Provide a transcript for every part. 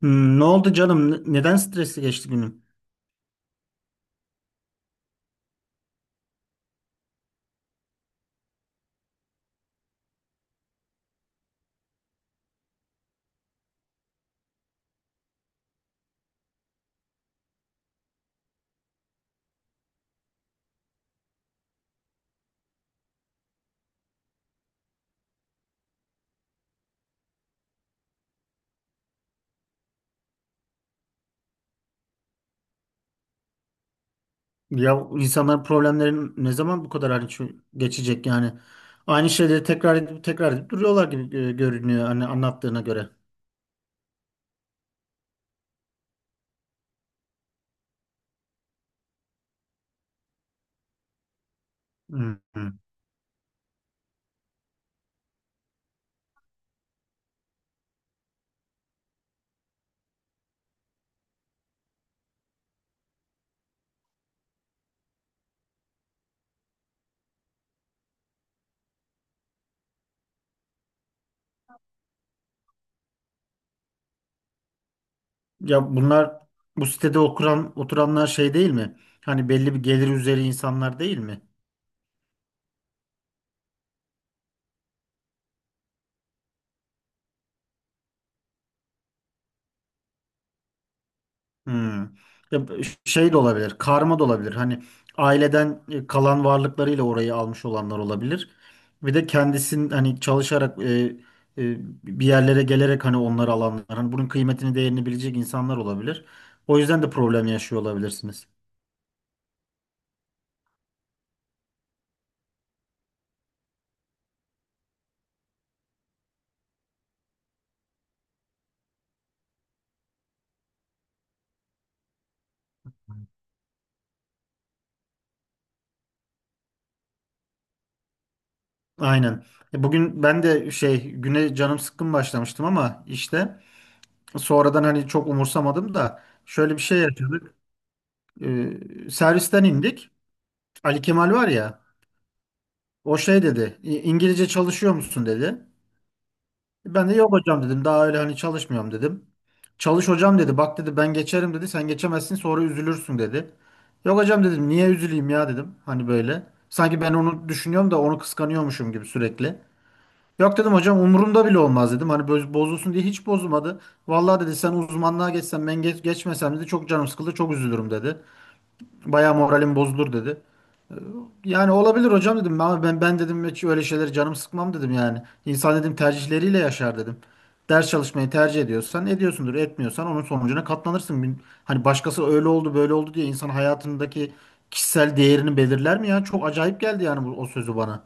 Hmm, ne oldu canım? Neden stresli geçti günün? Ya insanların problemlerin ne zaman bu kadar hani geçecek yani? Aynı şeyleri tekrar edip tekrar edip duruyorlar gibi görünüyor hani anlattığına göre. Hmm. Ya bunlar bu sitede oturan oturanlar şey değil mi? Hani belli bir gelir üzeri insanlar değil mi? Hmm. Ya şey de olabilir, karma da olabilir. Hani aileden kalan varlıklarıyla orayı almış olanlar olabilir. Bir de kendisinin hani çalışarak bir yerlere gelerek hani onları alanlar. Hani bunun kıymetini, değerini bilecek insanlar olabilir. O yüzden de problem yaşıyor olabilirsiniz. Aynen. Bugün ben de şey güne canım sıkkın başlamıştım ama işte sonradan hani çok umursamadım da şöyle bir şey yaşadık. Servisten indik. Ali Kemal var ya. O şey dedi, İngilizce çalışıyor musun dedi. Ben de yok hocam dedim. Daha öyle hani çalışmıyorum dedim. Çalış hocam dedi. Bak dedi ben geçerim dedi. Sen geçemezsin sonra üzülürsün dedi. Yok hocam dedim. Niye üzüleyim ya dedim. Hani böyle. Sanki ben onu düşünüyorum da onu kıskanıyormuşum gibi sürekli. Yok dedim hocam umurumda bile olmaz dedim. Hani bozulsun diye hiç bozulmadı. Vallahi dedi sen uzmanlığa geçsen ben geçmesem dedi çok canım sıkıldı çok üzülürüm dedi. Bayağı moralim bozulur dedi. Yani olabilir hocam dedim ama ben dedim hiç öyle şeyleri canım sıkmam dedim yani. İnsan dedim tercihleriyle yaşar dedim. Ders çalışmayı tercih ediyorsan ediyorsundur, etmiyorsan onun sonucuna katlanırsın. Hani başkası öyle oldu böyle oldu diye insan hayatındaki kişisel değerini belirler mi ya? Çok acayip geldi yani bu, o sözü bana.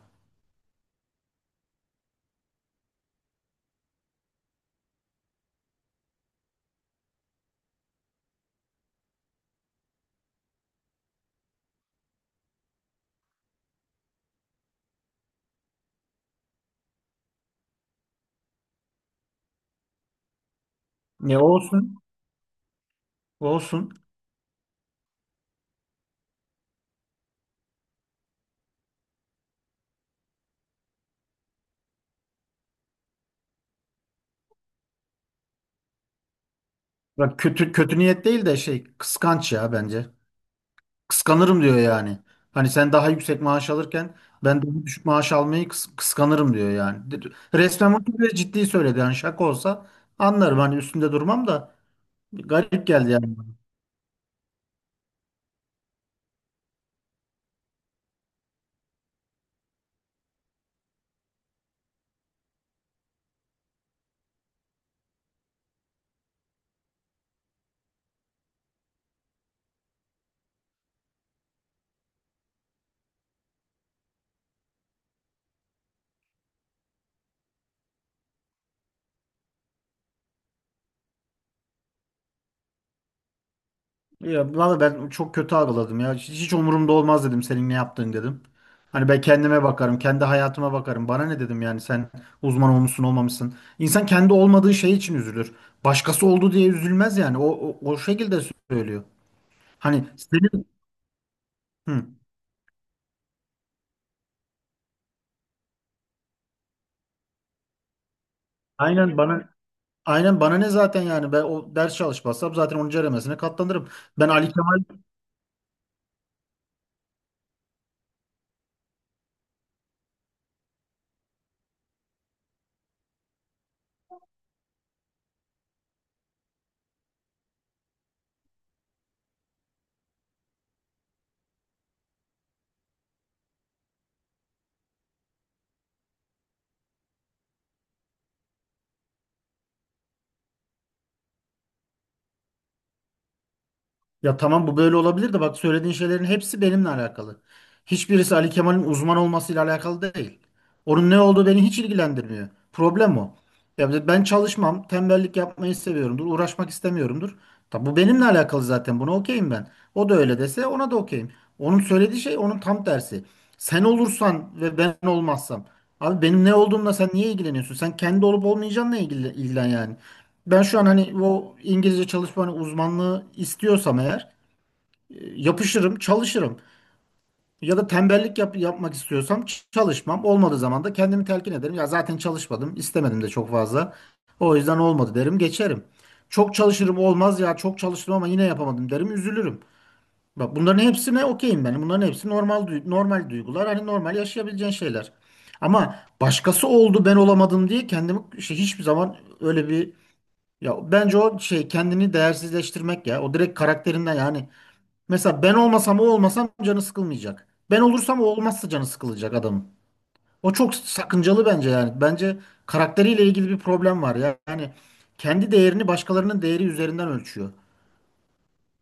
Ne olsun? Olsun. Bak kötü kötü niyet değil de şey kıskanç ya bence. Kıskanırım diyor yani. Hani sen daha yüksek maaş alırken ben daha düşük maaş almayı kıskanırım diyor yani. Resmen bunu bile ciddi söyledi. Yani şaka olsa anlarım hani üstünde durmam da garip geldi yani. Bana. Ya valla ben çok kötü algıladım ya. Hiç, hiç umurumda olmaz dedim senin ne yaptığın dedim. Hani ben kendime bakarım, kendi hayatıma bakarım. Bana ne dedim yani sen uzman olmuşsun olmamışsın. İnsan kendi olmadığı şey için üzülür. Başkası oldu diye üzülmez yani. O şekilde söylüyor. Hani senin... Hı. Aynen bana Aynen bana ne zaten yani ben o ders çalışmazsam zaten 10. elemesine katlanırım. Ben Ali Kemal. Ya tamam bu böyle olabilir de bak söylediğin şeylerin hepsi benimle alakalı. Hiçbirisi Ali Kemal'in uzman olmasıyla alakalı değil. Onun ne olduğu beni hiç ilgilendirmiyor. Problem o. Ya ben çalışmam, tembellik yapmayı seviyorumdur, uğraşmak istemiyorumdur. Tabi bu benimle alakalı zaten. Buna okeyim ben. O da öyle dese ona da okeyim. Onun söylediği şey onun tam tersi. Sen olursan ve ben olmazsam. Abi benim ne olduğumla sen niye ilgileniyorsun? Sen kendi olup olmayacağınla ilgilen, ilgilen yani. Ben şu an hani o İngilizce çalışma hani uzmanlığı istiyorsam eğer yapışırım, çalışırım. Ya da tembellik yapmak istiyorsam çalışmam. Olmadığı zaman da kendimi telkin ederim. Ya zaten çalışmadım, istemedim de çok fazla. O yüzden olmadı derim, geçerim. Çok çalışırım olmaz ya çok çalıştım ama yine yapamadım derim, üzülürüm. Bak bunların hepsine okeyim ben. Bunların hepsi normal normal duygular. Hani normal yaşayabileceğin şeyler. Ama başkası oldu ben olamadım diye kendimi şey, hiçbir zaman öyle bir ya bence o şey kendini değersizleştirmek ya. O direkt karakterinden yani. Mesela ben olmasam o olmasam canı sıkılmayacak. Ben olursam o olmazsa canı sıkılacak adamın. O çok sakıncalı bence yani. Bence karakteriyle ilgili bir problem var ya. Yani kendi değerini başkalarının değeri üzerinden ölçüyor.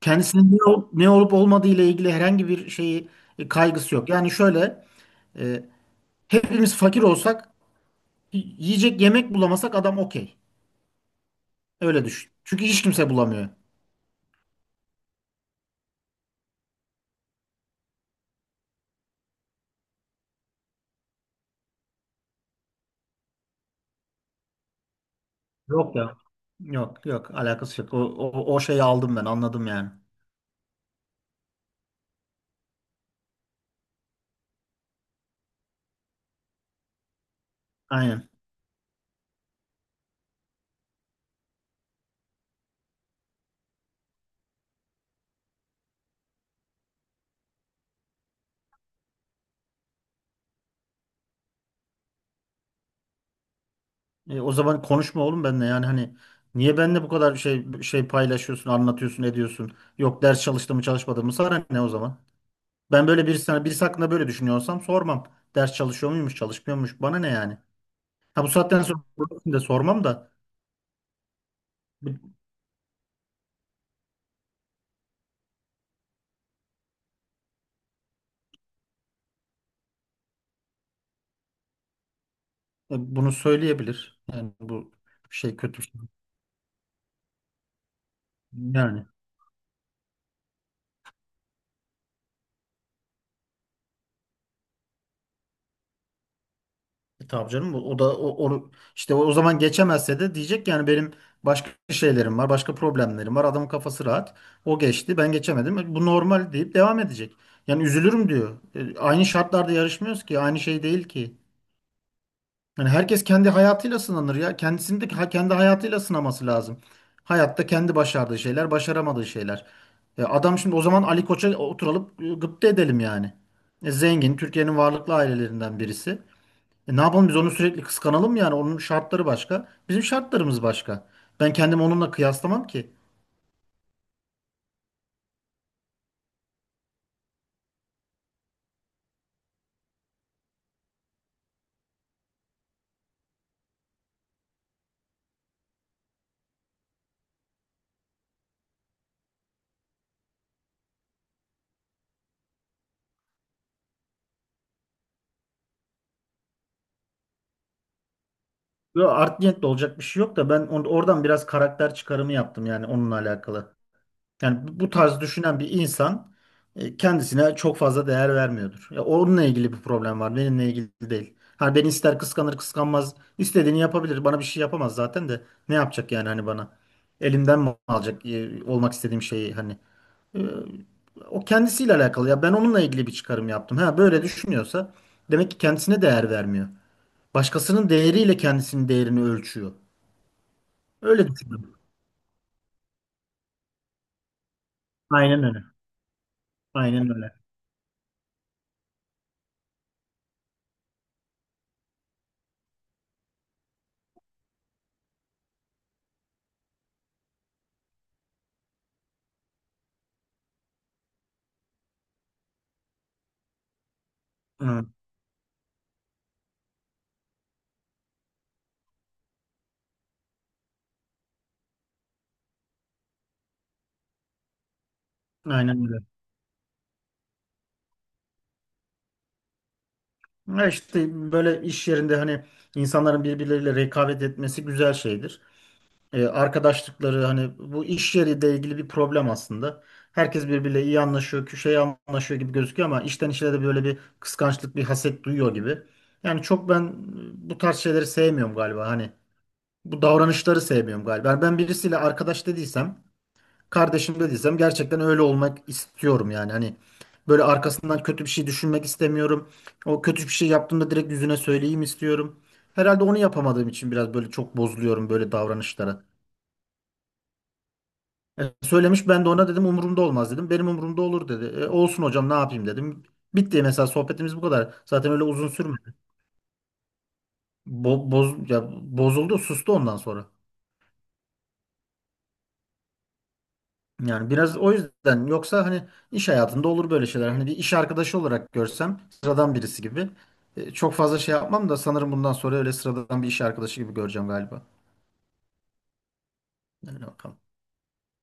Kendisinin ne olup olmadığı ile ilgili herhangi bir şeyi kaygısı yok. Yani şöyle, e, hepimiz fakir olsak yiyecek yemek bulamasak adam okey. Öyle düşün. Çünkü hiç kimse bulamıyor. Yok ya. Yok yok alakası yok. O şeyi aldım ben anladım yani. Aynen. O zaman konuşma oğlum benimle yani hani niye benimle bu kadar şey paylaşıyorsun, anlatıyorsun, ediyorsun? Yok ders çalıştım mı çalışmadım mı sana ne o zaman? Ben böyle bir sana birisi hakkında böyle düşünüyorsam sormam. Ders çalışıyor muymuş, çalışmıyormuş bana ne yani? Ha bu saatten sonra de sormam da bu- bunu söyleyebilir. Yani bu şey kötü bir şey. Yani. Tabii canım o da o, onu- işte o, o zaman geçemezse de diyecek ki yani benim başka şeylerim var, başka problemlerim var. Adamın kafası rahat. O geçti, ben geçemedim. Bu normal deyip devam edecek. Yani üzülürüm diyor. Aynı şartlarda yarışmıyoruz ki, aynı şey değil ki. Yani herkes kendi hayatıyla sınanır ya. Kendisini de kendi hayatıyla sınaması lazım. Hayatta kendi başardığı şeyler, başaramadığı şeyler. Adam şimdi o zaman Ali Koç'a oturalım gıpta edelim yani. Zengin, Türkiye'nin varlıklı ailelerinden birisi. E ne yapalım biz onu sürekli kıskanalım yani onun şartları başka, bizim şartlarımız başka. Ben kendimi onunla kıyaslamam ki. Yo, art niyetle olacak bir şey yok da ben oradan biraz karakter çıkarımı yaptım yani onunla alakalı. Yani bu bu tarz düşünen bir insan kendisine çok fazla değer vermiyordur. Ya onunla ilgili bir problem var, benimle ilgili değil. Hani beni ister kıskanır kıskanmaz, istediğini yapabilir. Bana bir şey yapamaz zaten de ne yapacak yani hani bana? Elimden mi alacak olmak istediğim şeyi hani? Ee, O kendisiyle alakalı. Ya ben onunla ilgili bir çıkarım yaptım. Ha böyle düşünüyorsa demek ki kendisine değer vermiyor. Başkasının değeriyle kendisinin değerini ölçüyor. Öyle düşünüyorum. Aynen öyle. Aynen öyle. Hı, aynen öyle. Ya işte böyle iş yerinde hani insanların birbirleriyle rekabet etmesi güzel şeydir. Arkadaşlıkları hani bu iş yeriyle ilgili bir problem aslında. Herkes birbiriyle iyi anlaşıyor, şey anlaşıyor gibi gözüküyor ama işten işe de böyle bir kıskançlık, bir haset duyuyor gibi. Yani çok ben bu tarz şeyleri sevmiyorum galiba. Hani bu davranışları sevmiyorum galiba. Yani ben birisiyle arkadaş dediysem, kardeşim dediysem gerçekten öyle olmak istiyorum yani. Hani böyle arkasından kötü bir şey düşünmek istemiyorum. O kötü bir şey yaptığımda direkt yüzüne söyleyeyim istiyorum. Herhalde onu yapamadığım için biraz böyle çok bozuluyorum böyle davranışlara. Söylemiş ben de ona dedim umurumda olmaz dedim. Benim umurumda olur dedi. Olsun hocam ne yapayım dedim. Bitti mesela sohbetimiz bu kadar. Zaten öyle uzun sürmedi. Bo- boz ya Bozuldu, sustu ondan sonra. Yani biraz o yüzden yoksa hani iş hayatında olur böyle şeyler. Hani bir iş arkadaşı olarak görsem sıradan birisi gibi. Çok fazla şey yapmam da sanırım bundan sonra öyle sıradan bir iş arkadaşı gibi göreceğim galiba. Yani bakalım.